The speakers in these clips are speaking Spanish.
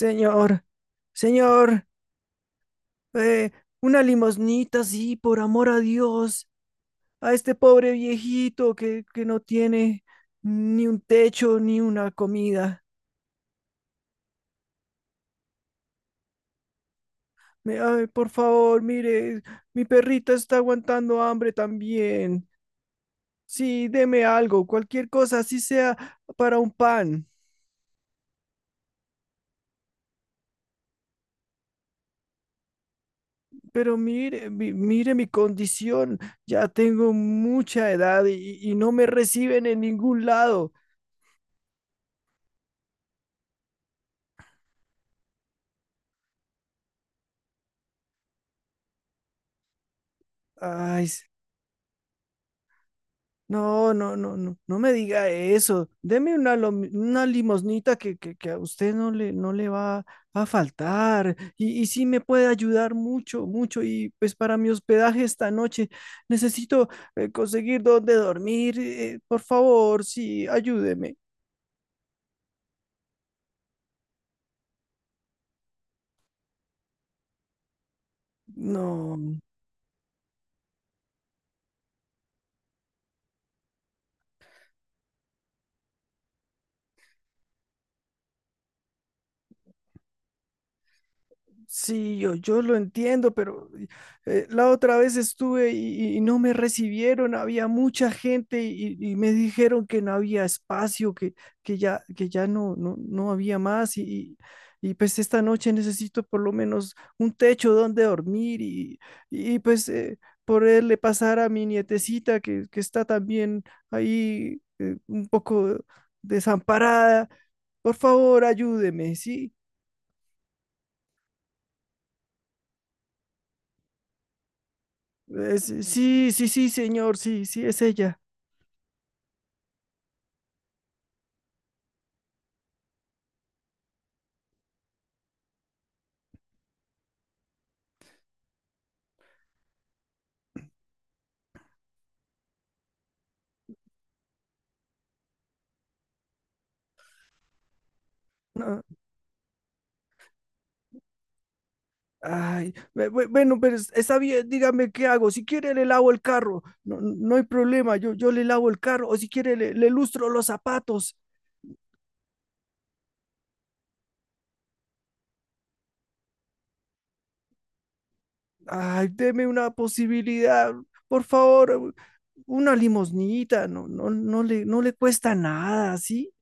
Señor, señor, eh, una limosnita, sí, por amor a Dios, a este pobre viejito que no tiene ni un techo ni una comida. Ay, por favor, mire, mi perrita está aguantando hambre también. Sí, deme algo, cualquier cosa, así sea para un pan. Pero mire, mire mi condición, ya tengo mucha edad y no me reciben en ningún lado. Ay, no, no, no, no, no me diga eso. Deme una, una limosnita que a usted no le va a faltar. Y sí me puede ayudar mucho, mucho. Y pues para mi hospedaje esta noche necesito conseguir dónde dormir. Por favor, sí, ayúdeme. No. Sí, yo lo entiendo, pero la otra vez estuve y no me recibieron, había mucha gente y me dijeron que no había espacio, que, que ya no, no, no había más y, y, pues esta noche necesito por lo menos un techo donde dormir y pues poderle pasar a mi nietecita que está también ahí un poco desamparada. Por favor, ayúdeme, ¿sí? Sí, sí, sí, sí, señor, sí, sí, es ella. No, ay, bueno, pero está bien, dígame qué hago. Si quiere, le lavo el carro. No, no hay problema, yo le lavo el carro. O si quiere, le lustro los zapatos. Ay, deme una posibilidad, por favor, una limosnita. No, no, no le cuesta nada, ¿sí?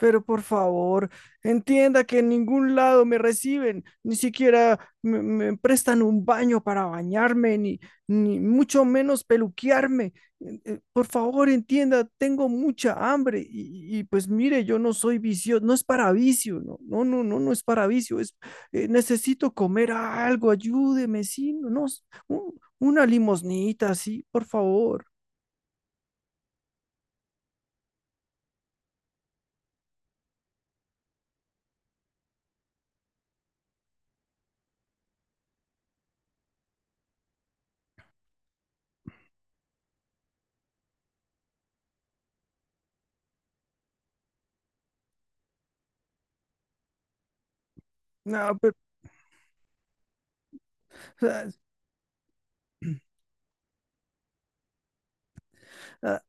Pero por favor, entienda que en ningún lado me reciben, ni siquiera me prestan un baño para bañarme, ni, ni mucho menos peluquearme. Por favor, entienda, tengo mucha hambre y, pues mire, yo no soy vicio, no es para vicio, no, no, no, no, no es para vicio, es necesito comer algo, ayúdeme, sí, no, no, una limosnita, sí, por favor. No, pero, ah,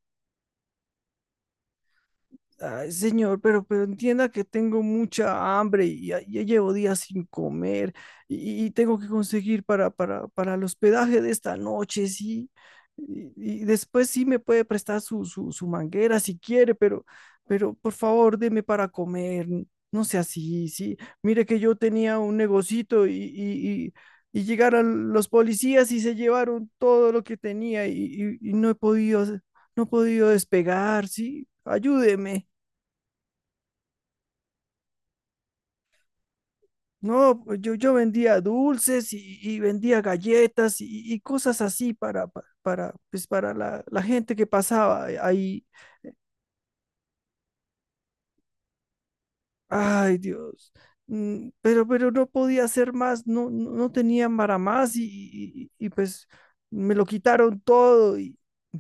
ay, señor, pero entienda que tengo mucha hambre y ya, ya llevo días sin comer y tengo que conseguir para el hospedaje de esta noche, sí. Y después sí me puede prestar su manguera si quiere, pero por favor, deme para comer. No sea así, sí. Mire que yo tenía un negocito y llegaron los policías y se llevaron todo lo que tenía y no he podido, no he podido despegar, sí. Ayúdeme. No, pues yo vendía dulces y vendía galletas y cosas así para, pues para la gente que pasaba ahí. Ay, Dios. Mm, pero no podía hacer más, no, no, no tenía para más y, pues me lo quitaron todo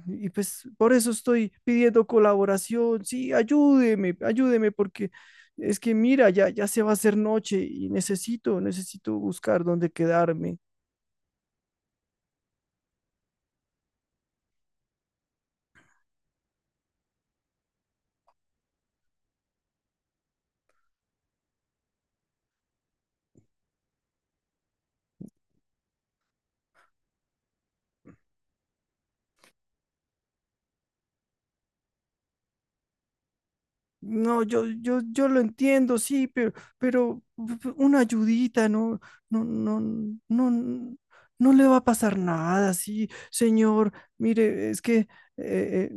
y pues por eso estoy pidiendo colaboración. Sí, ayúdeme, ayúdeme porque es que mira, ya, ya se va a hacer noche y necesito, necesito buscar dónde quedarme. No, yo lo entiendo, sí, pero una ayudita, no, no, no, no, no le va a pasar nada, sí, señor. Mire, es que eh,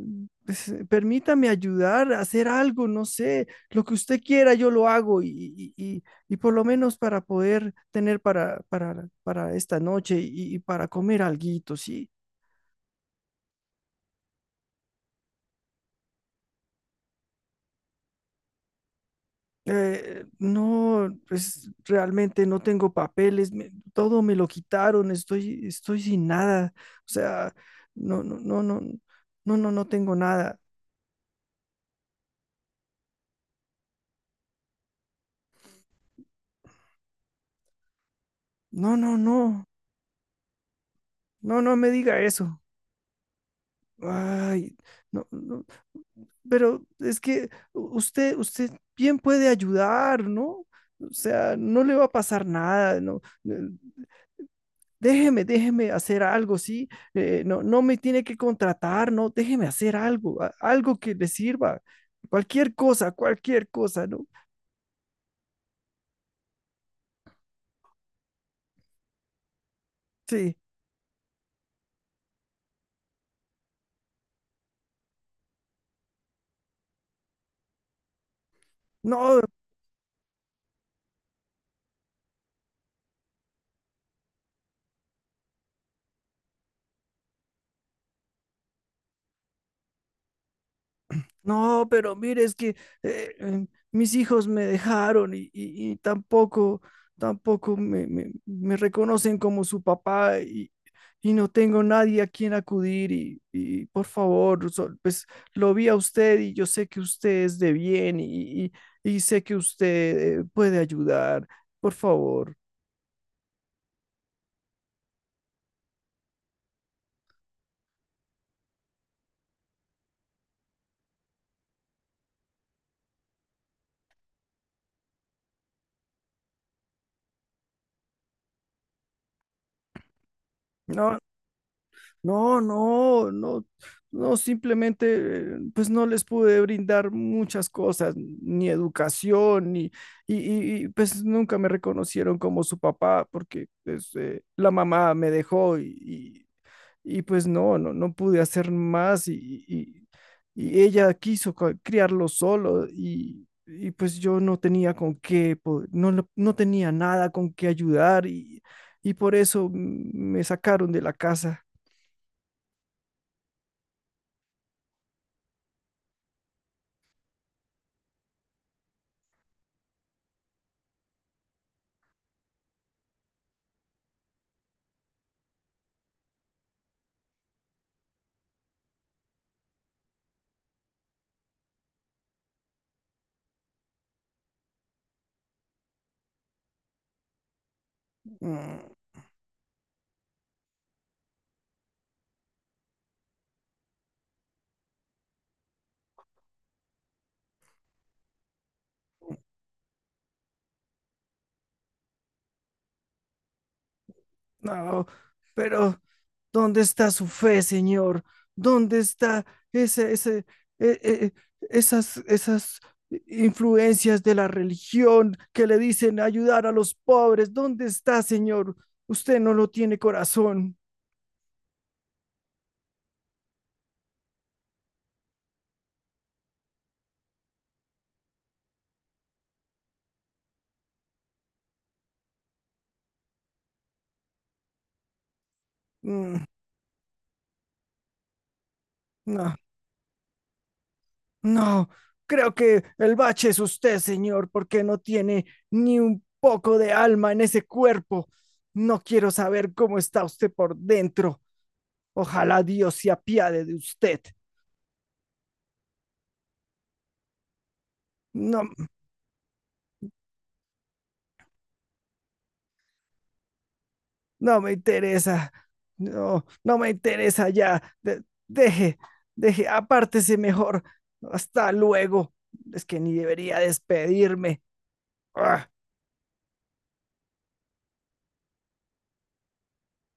pues, permítame ayudar a hacer algo, no sé, lo que usted quiera, yo lo hago y, y- y por lo menos para poder tener para esta noche y para comer alguito, sí. No, pues realmente no tengo papeles, todo me lo quitaron, estoy, estoy sin nada, o sea, no, no, no, no, no, no, no tengo nada, no, no, no, no, no me diga eso, ay, no, no, pero es que usted, usted bien puede ayudar, ¿no? O sea, no le va a pasar nada, ¿no? Eh, déjeme, déjeme hacer algo, ¿sí? No, no me tiene que contratar, no, déjeme hacer algo, algo que le sirva, cualquier cosa, ¿no? Sí, no, no, pero mire, es que mis hijos me dejaron y tampoco, tampoco me reconocen como su papá y no tengo nadie a quien acudir y por favor, pues lo vi a usted y yo sé que usted es de bien y sé que usted puede ayudar, por favor. No, no, no, no, no, simplemente pues no les pude brindar muchas cosas, ni educación, ni, y, pues nunca me reconocieron como su papá porque pues, la mamá me dejó y, pues no, no, no pude hacer más y ella quiso criarlo solo y, pues yo no tenía con qué, no, no tenía nada con qué ayudar y por eso me sacaron de la casa. Mm, no, pero ¿dónde está su fe, Señor? ¿Dónde está ese, ese, eh, eh, esas, esas influencias de la religión que le dicen ayudar a los pobres? ¿Dónde está, Señor? Usted no lo tiene corazón. Mm, no, no, creo que el bache es usted, señor, porque no tiene ni un poco de alma en ese cuerpo. No quiero saber cómo está usted por dentro. Ojalá Dios se apiade de usted. No, no me interesa. No, no me interesa ya. Deje, deje, apártese mejor. Hasta luego. Es que ni debería despedirme. ¡Ah!